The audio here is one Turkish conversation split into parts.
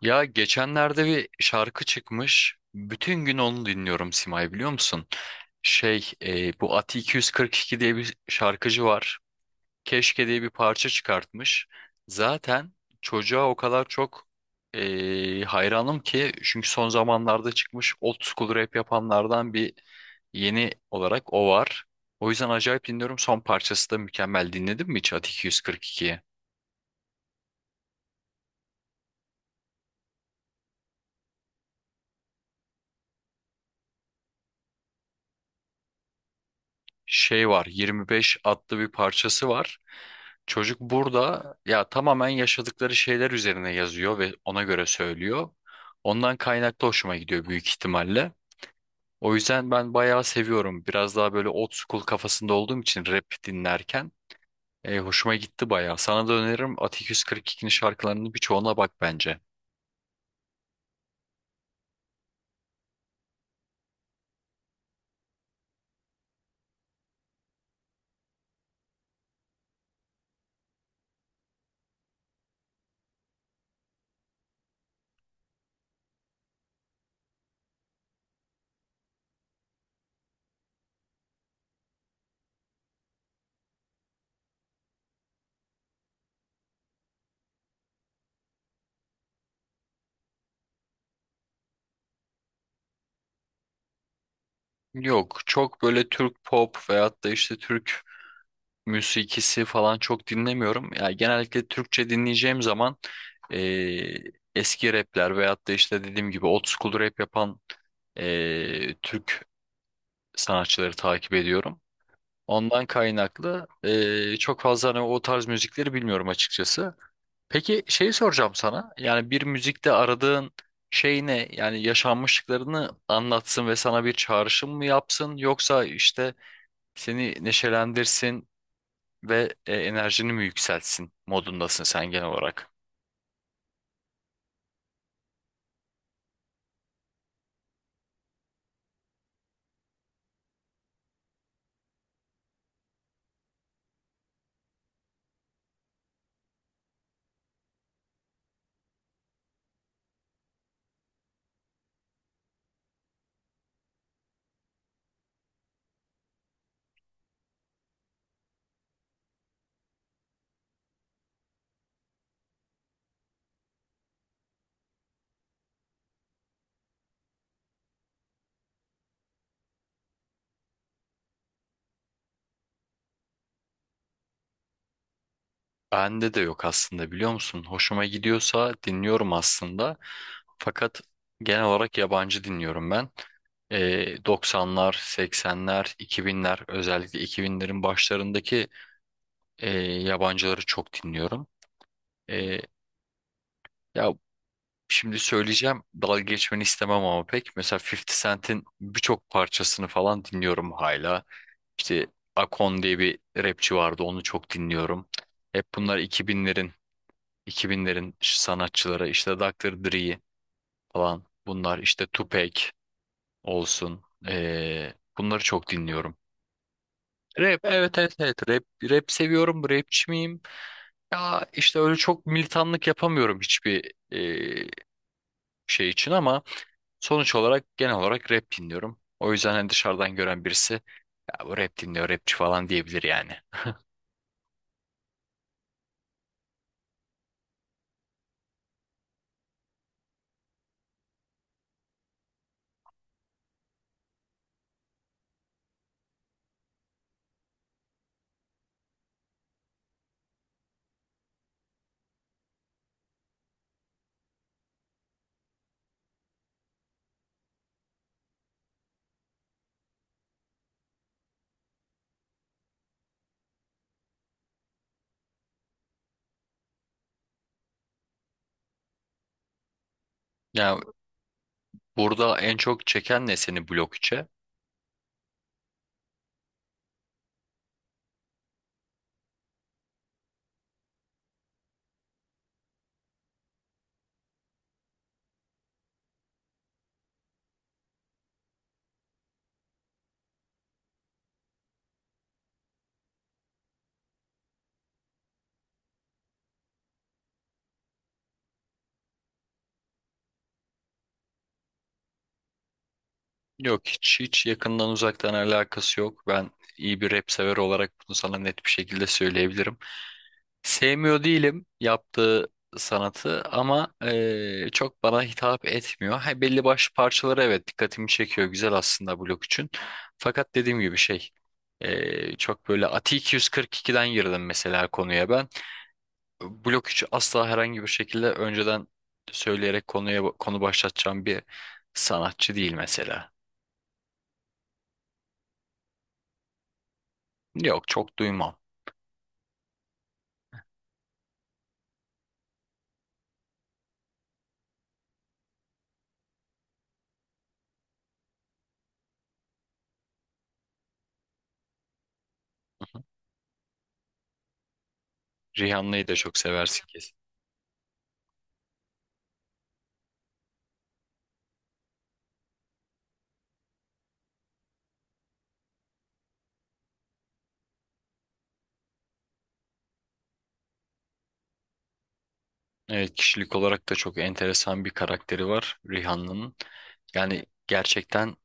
Ya geçenlerde bir şarkı çıkmış. Bütün gün onu dinliyorum Simay, biliyor musun? Bu Ati 242 diye bir şarkıcı var. Keşke diye bir parça çıkartmış. Zaten çocuğa o kadar çok hayranım ki, çünkü son zamanlarda çıkmış old school rap yapanlardan bir yeni olarak o var. O yüzden acayip dinliyorum. Son parçası da mükemmel. Dinledin mi hiç Ati 242'yi? Şey var, 25 adlı bir parçası var. Çocuk burada ya tamamen yaşadıkları şeyler üzerine yazıyor ve ona göre söylüyor. Ondan kaynaklı hoşuma gidiyor büyük ihtimalle. O yüzden ben bayağı seviyorum. Biraz daha böyle old school kafasında olduğum için rap dinlerken hoşuma gitti bayağı. Sana da öneririm, Atik 142'nin şarkılarının birçoğuna bak bence. Yok, çok böyle Türk pop veyahut da işte Türk müzikisi falan çok dinlemiyorum. Yani genellikle Türkçe dinleyeceğim zaman eee, eski rapler veyahut da işte dediğim gibi old school rap yapan Türk sanatçıları takip ediyorum. Ondan kaynaklı çok fazla hani o tarz müzikleri bilmiyorum açıkçası. Peki şey soracağım sana. Yani bir müzikte aradığın şey ne? Yani yaşanmışlıklarını anlatsın ve sana bir çağrışım mı yapsın? Yoksa işte seni neşelendirsin ve enerjini mi yükseltsin modundasın sen genel olarak? Bende de yok aslında, biliyor musun? Hoşuma gidiyorsa dinliyorum aslında. Fakat genel olarak yabancı dinliyorum ben. 90'lar, 80'ler, 2000'ler, özellikle 2000'lerin başlarındaki yabancıları çok dinliyorum. E, Ya şimdi söyleyeceğim, dalga geçmeni istemem ama pek. Mesela 50 Cent'in birçok parçasını falan dinliyorum hala. İşte Akon diye bir rapçi vardı. Onu çok dinliyorum. Hep bunlar 2000'lerin sanatçıları. İşte Dr. Dre falan. Bunlar işte Tupac olsun. Bunları çok dinliyorum. Rap, evet evet evet, rap rap seviyorum. Rapçi miyim? Ya işte öyle çok militanlık yapamıyorum hiçbir şey için ama sonuç olarak genel olarak rap dinliyorum. O yüzden hani dışarıdan gören birisi ya bu rap dinliyor, rapçi falan diyebilir yani. Ya burada en çok çeken ne seni blok içe? Yok, hiç yakından uzaktan alakası yok. Ben iyi bir rap sever olarak bunu sana net bir şekilde söyleyebilirim. Sevmiyor değilim yaptığı sanatı ama çok bana hitap etmiyor. Ha, belli başlı parçaları evet dikkatimi çekiyor, güzel aslında blok için. Fakat dediğim gibi çok böyle Ati 242'den girdim mesela konuya ben. Blok 3'ü asla herhangi bir şekilde önceden söyleyerek konuya konu başlatacağım bir sanatçı değil mesela. Yok, çok duymam. Rihanna'yı da çok seversin. Evet, kişilik olarak da çok enteresan bir karakteri var Rihanna'nın. Yani gerçekten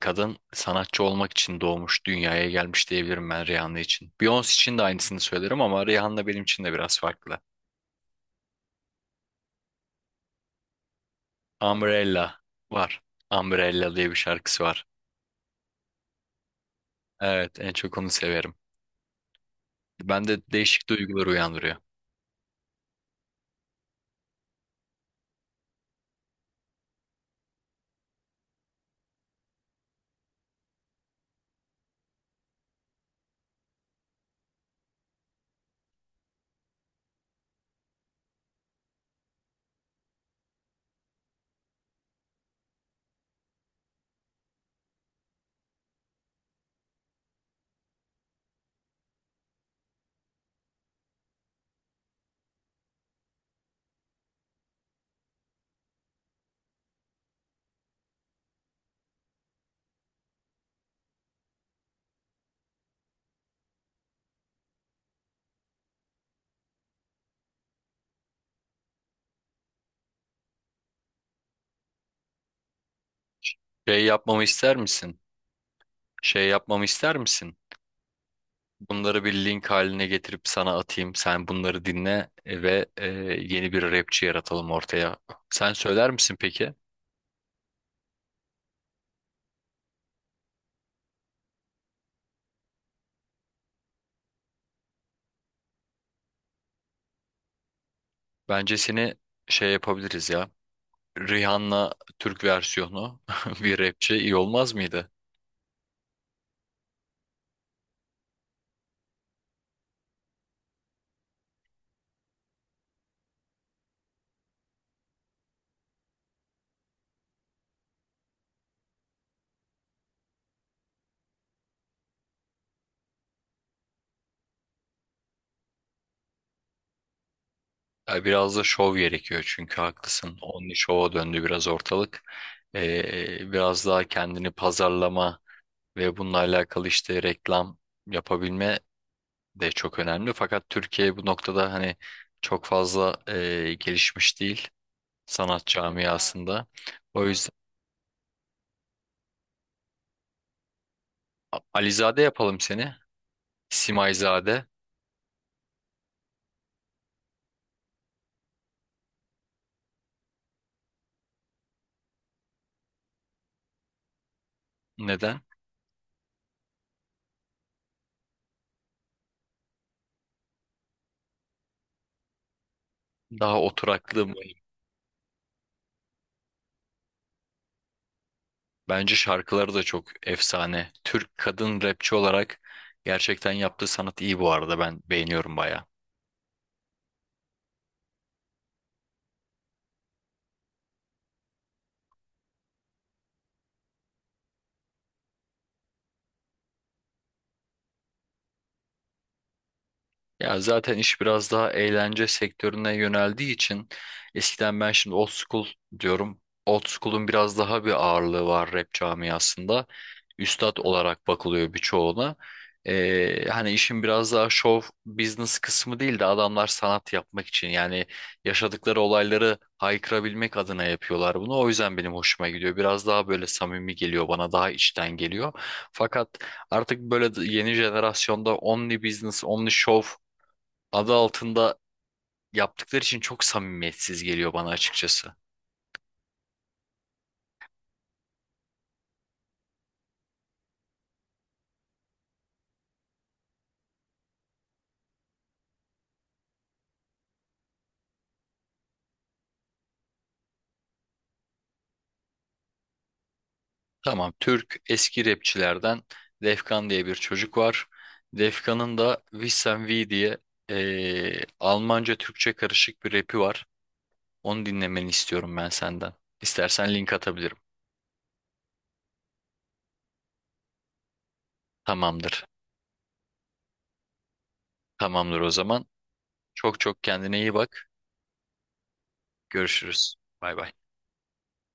kadın sanatçı olmak için doğmuş, dünyaya gelmiş diyebilirim ben Rihanna için. Beyoncé için de aynısını söylerim ama Rihanna benim için de biraz farklı. Umbrella var. Umbrella diye bir şarkısı var. Evet, en çok onu severim. Ben de değişik duygular uyandırıyor. Şey yapmamı ister misin? Şey yapmamı ister misin? Bunları bir link haline getirip sana atayım. Sen bunları dinle ve yeni bir rapçi yaratalım ortaya. Sen söyler misin peki? Bence seni şey yapabiliriz ya. Rihanna Türk versiyonu bir rapçi iyi olmaz mıydı? Ya biraz da şov gerekiyor çünkü haklısın. Only şova döndü biraz ortalık. Biraz daha kendini pazarlama ve bununla alakalı işte reklam yapabilme de çok önemli. Fakat Türkiye bu noktada hani çok fazla gelişmiş değil sanat camiasında. O yüzden Alizade yapalım seni. Simayzade. Neden? Daha oturaklı mı? Bence şarkıları da çok efsane. Türk kadın rapçi olarak gerçekten yaptığı sanat iyi bu arada. Ben beğeniyorum bayağı. Ya zaten iş biraz daha eğlence sektörüne yöneldiği için eskiden ben şimdi old school diyorum. Old school'un biraz daha bir ağırlığı var rap camiasında. Üstad olarak bakılıyor birçoğuna. Hani işin biraz daha show business kısmı değil de adamlar sanat yapmak için yani yaşadıkları olayları haykırabilmek adına yapıyorlar bunu. O yüzden benim hoşuma gidiyor. Biraz daha böyle samimi geliyor bana, daha içten geliyor. Fakat artık böyle yeni jenerasyonda only business, only show adı altında yaptıkları için çok samimiyetsiz geliyor bana açıkçası. Tamam, Türk eski rapçilerden Defkan diye bir çocuk var. Defkan'ın da Wissen V diye Almanca Türkçe karışık bir rapi var. Onu dinlemeni istiyorum ben senden. İstersen link atabilirim. Tamamdır. Tamamdır o zaman. Çok çok kendine iyi bak. Görüşürüz. Bay bay.